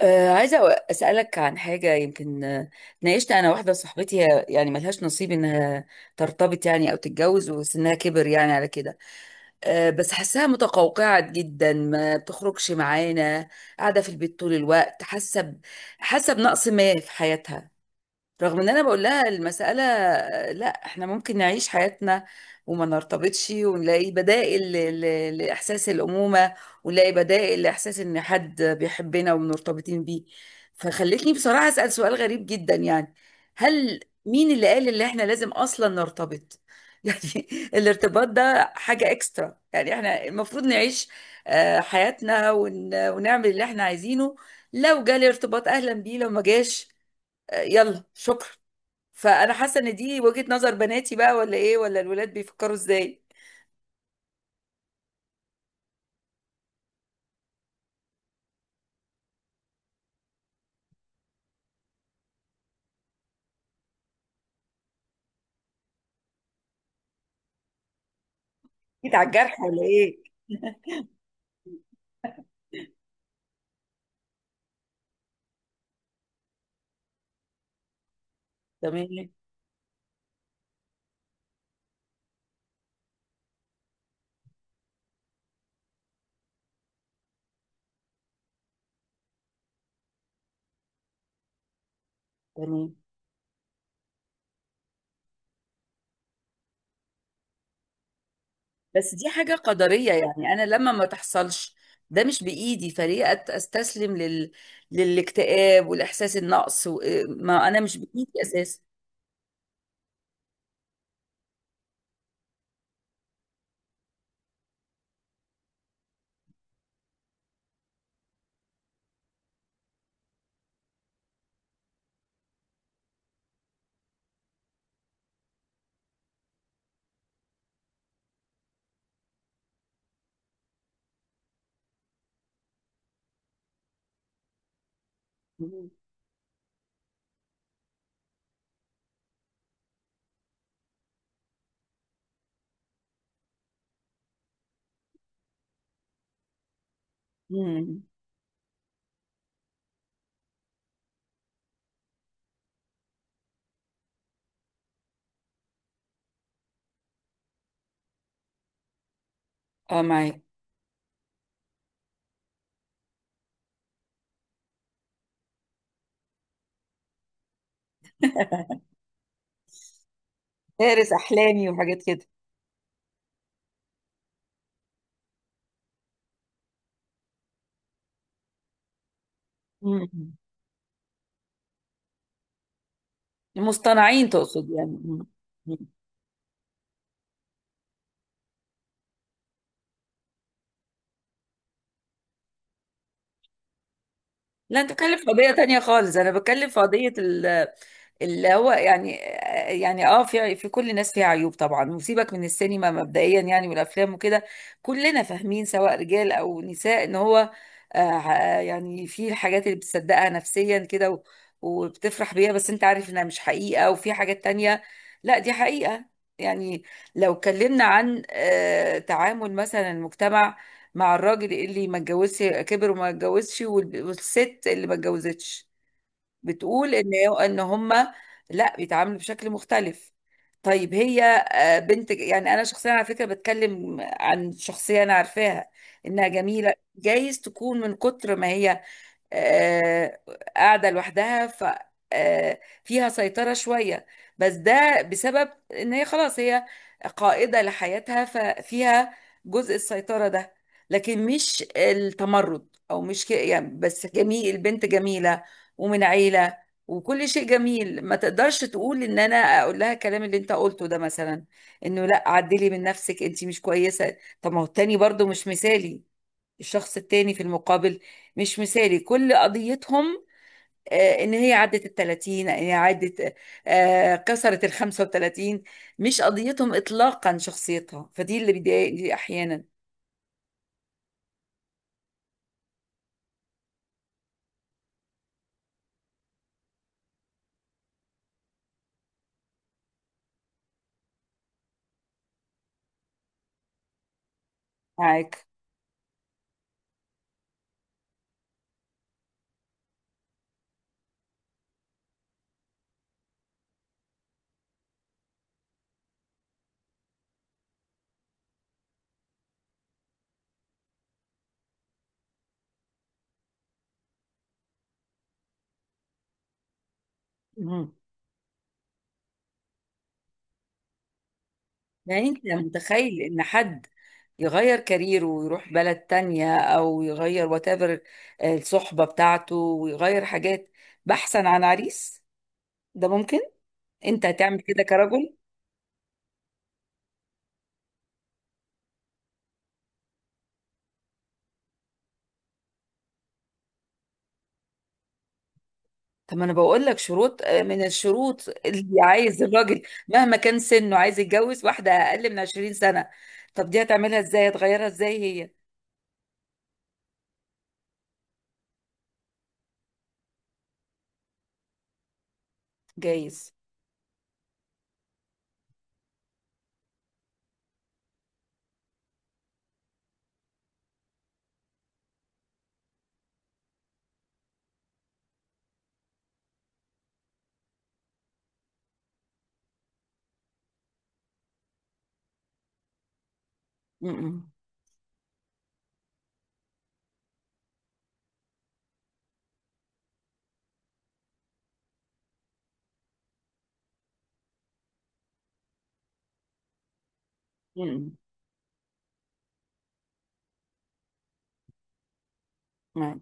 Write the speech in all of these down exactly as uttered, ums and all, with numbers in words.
آه، عايزة أسألك عن حاجة. يمكن آه، اتناقشت أنا واحدة صاحبتي، هي يعني ملهاش نصيب إنها ترتبط يعني أو تتجوز، وسنها كبر يعني على كده. آه، بس حاساها متقوقعة جدا، ما بتخرجش معانا، قاعدة في البيت طول الوقت، حاسة ب- حاسة بنقص ما في حياتها. رغم ان انا بقول لها المسألة، لا احنا ممكن نعيش حياتنا وما نرتبطش، ونلاقي بدائل ل- ل- لاحساس الامومة، ونلاقي بدائل لاحساس ان حد بيحبنا ومرتبطين بيه. فخلتني بصراحة اسأل سؤال غريب جدا، يعني هل مين اللي قال ان احنا لازم اصلا نرتبط؟ يعني الارتباط ده حاجة اكسترا، يعني احنا المفروض نعيش آه، حياتنا ون- ونعمل اللي احنا عايزينه. لو جالي ارتباط اهلا بيه، لو ما جاش آه، يلا شكرا. فانا حاسه ان دي وجهة نظر بناتي بقى، ولا ايه؟ ولا الولاد بيفكروا ازاي؟ جيت على الجرح ولا ايه؟ تمام. تمام، بس دي حاجة قدرية يعني. أنا لما ما تحصلش، ده مش بإيدي، فليه أت- أستسلم لل... للاكتئاب والإحساس النقص و... ما أنا مش بإيدي أساسا. مم. مم. أه، معاك. فارس أحلامي وحاجات كده. مم. المصطنعين تقصد يعني. مم. مم. لا، أنت بتتكلم في قضية تانية خالص، أنا بتكلم في قضية اللي هو يعني، يعني اه في في كل الناس فيها عيوب طبعا. وسيبك من السينما مبدئيا يعني، والافلام وكده. كلنا فاهمين سواء رجال او نساء ان هو آه، يعني في الحاجات اللي بتصدقها نفسيا كده و- وبتفرح بيها، بس انت عارف انها مش حقيقة، وفي حاجات تانية لا دي حقيقة. يعني لو اتكلمنا عن آه تعامل مثلا المجتمع مع الراجل اللي ما اتجوزش كبر وما اتجوزش، وال- والست اللي ما اتجوزتش، بتقول ان ان هم لا، بيتعاملوا بشكل مختلف. طيب هي آه، بنت. يعني انا شخصيا على فكره بتكلم عن شخصيه انا عارفاها، انها جميله. جايز تكون من كتر ما هي آه، قاعدة لوحدها، ف آه، فيها سيطرة شوية، بس ده بسبب ان هي خلاص هي قائدة لحياتها، ففيها جزء السيطرة ده. لكن مش التمرد، او مش ك... يعني بس جميل، البنت جميلة ومن عيلة وكل شيء جميل. ما تقدرش تقول ان انا اقول لها الكلام اللي انت قلته ده مثلا، انه لا عدلي من نفسك، انت مش كويسة. طب ما هو التاني برضو مش مثالي، الشخص التاني في المقابل مش مثالي. كل قضيتهم آه، ان هي عدت ال الثلاثين، ان هي عدت آه، كسرت ال الخامسة والثلاثين، مش قضيتهم اطلاقا شخصيتها. فدي اللي بيضايقني احيانا. معاك. مم. يعني انت متخيل ان حد يغير كاريره ويروح بلد تانية، او يغير واتيفر الصحبة بتاعته، ويغير حاجات بحثا عن عريس؟ ده ممكن؟ انت هتعمل كده كرجل؟ طب ما انا بقول لك شروط. آه، من الشروط اللي عايز الراجل مهما كان سنه عايز يتجوز واحدة اقل من عشرين سنة. طب دي هتعملها ازاي؟ هتغيرها ازاي هي؟ جايز. م-م. م-م. م.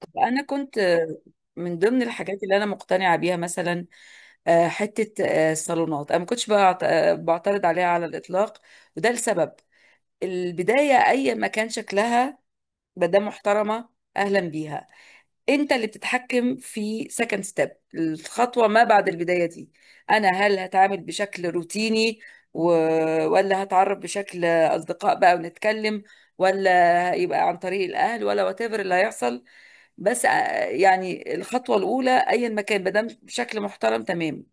طب انا كنت آه، من ضمن الحاجات اللي انا مقتنعة بيها مثلا آه، حتة آه، الصالونات، انا ما كنتش بعت- آه، بعترض عليها على الاطلاق، وده لسبب. البداية اي ما كان شكلها، ما دام محترمة اهلا بيها. انت اللي بتتحكم في سكند ستيب، الخطوه ما بعد البدايه دي. انا هل هتعامل بشكل روتيني و... ولا هتعرف بشكل اصدقاء بقى ونتكلم، ولا يبقى عن طريق الاهل، ولا وات ايفر اللي هيحصل. بس آه، يعني الخطوه الاولى ايا ما كان، ما دام بشكل محترم، تمام.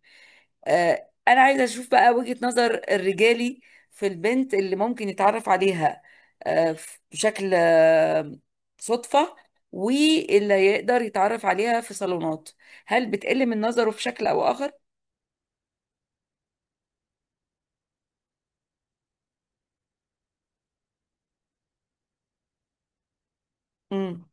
آه، انا عايزه اشوف بقى وجهة نظر الرجالي في البنت اللي ممكن يتعرف عليها آه، ف- بشكل آه، صدفة، واللي يقدر يتعرف عليها في صالونات، هل بتقل من نظره في شكل او اخر؟ امم.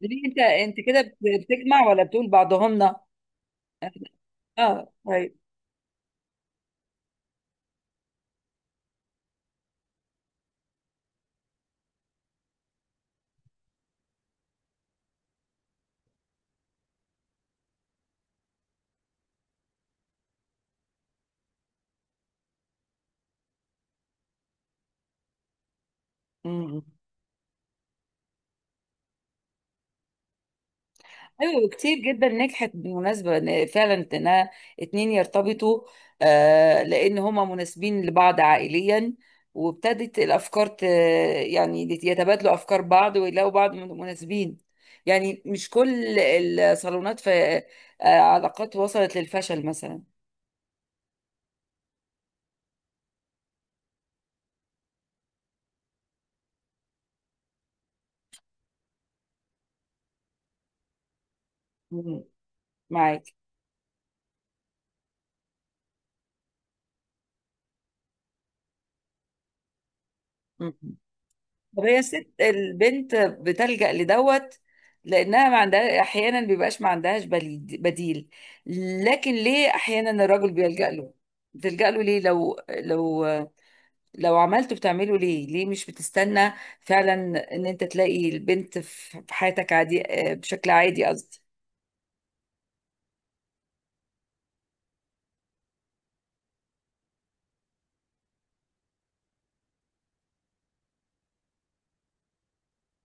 ليه انت انت كده بت- بتجمع ولا بتقول بعضهمنا؟ اه، طيب. مم. ايوه، وكتير جدا نجحت بالمناسبه، إن فعلا انها اتنين يرتبطوا آه، لان هما مناسبين لبعض عائليا، وابتدت الافكار ت... يعني يتبادلوا افكار بعض، ويلاقوا بعض من- مناسبين. يعني مش كل الصالونات في آه علاقات وصلت للفشل مثلا. مم. معاك. مم. طب هي الست البنت بتلجأ لدوت لأنها ما عندها، أحيانا بيبقاش ما عندهاش بليد- بديل، لكن ليه أحيانا الراجل بيلجأ له؟ بتلجأ له ليه؟ لو لو، لو عملته بتعمله ليه؟ ليه مش بتستنى فعلا إن أنت تلاقي البنت في في حياتك عادي آه، بشكل عادي؟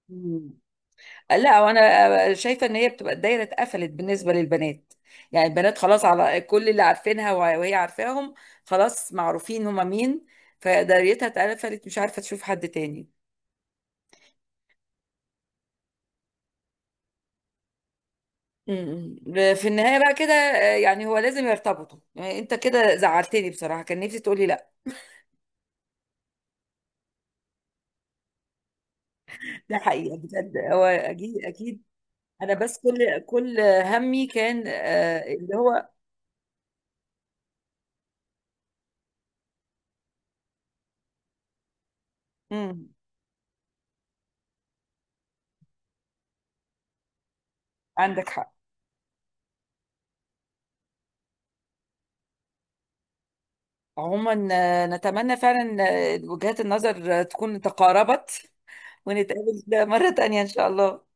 قصدي لا، وانا شايفه ان هي بتبقى الدايره اتقفلت بالنسبه للبنات. يعني البنات خلاص، على كل اللي عارفينها وه- وهي عارفاهم، خلاص معروفين هما مين، فدايرتها اتقفلت، مش عارفه تشوف حد تاني. أمم. في النهايه بقى كده آه، يعني هو لازم يرتبطوا يعني؟ انت كده زعلتني بصراحه، كان نفسي تقولي لا. ده حقيقه بجد؟ هو اكيد اكيد. انا بس كل كل همي كان آه، اللي هو أمم. عندك حق. عموما آه، نتمنى فعلا آه، وجهات النظر آه، تكون تقاربت، ونتقابل مرة تانية إن شاء الله.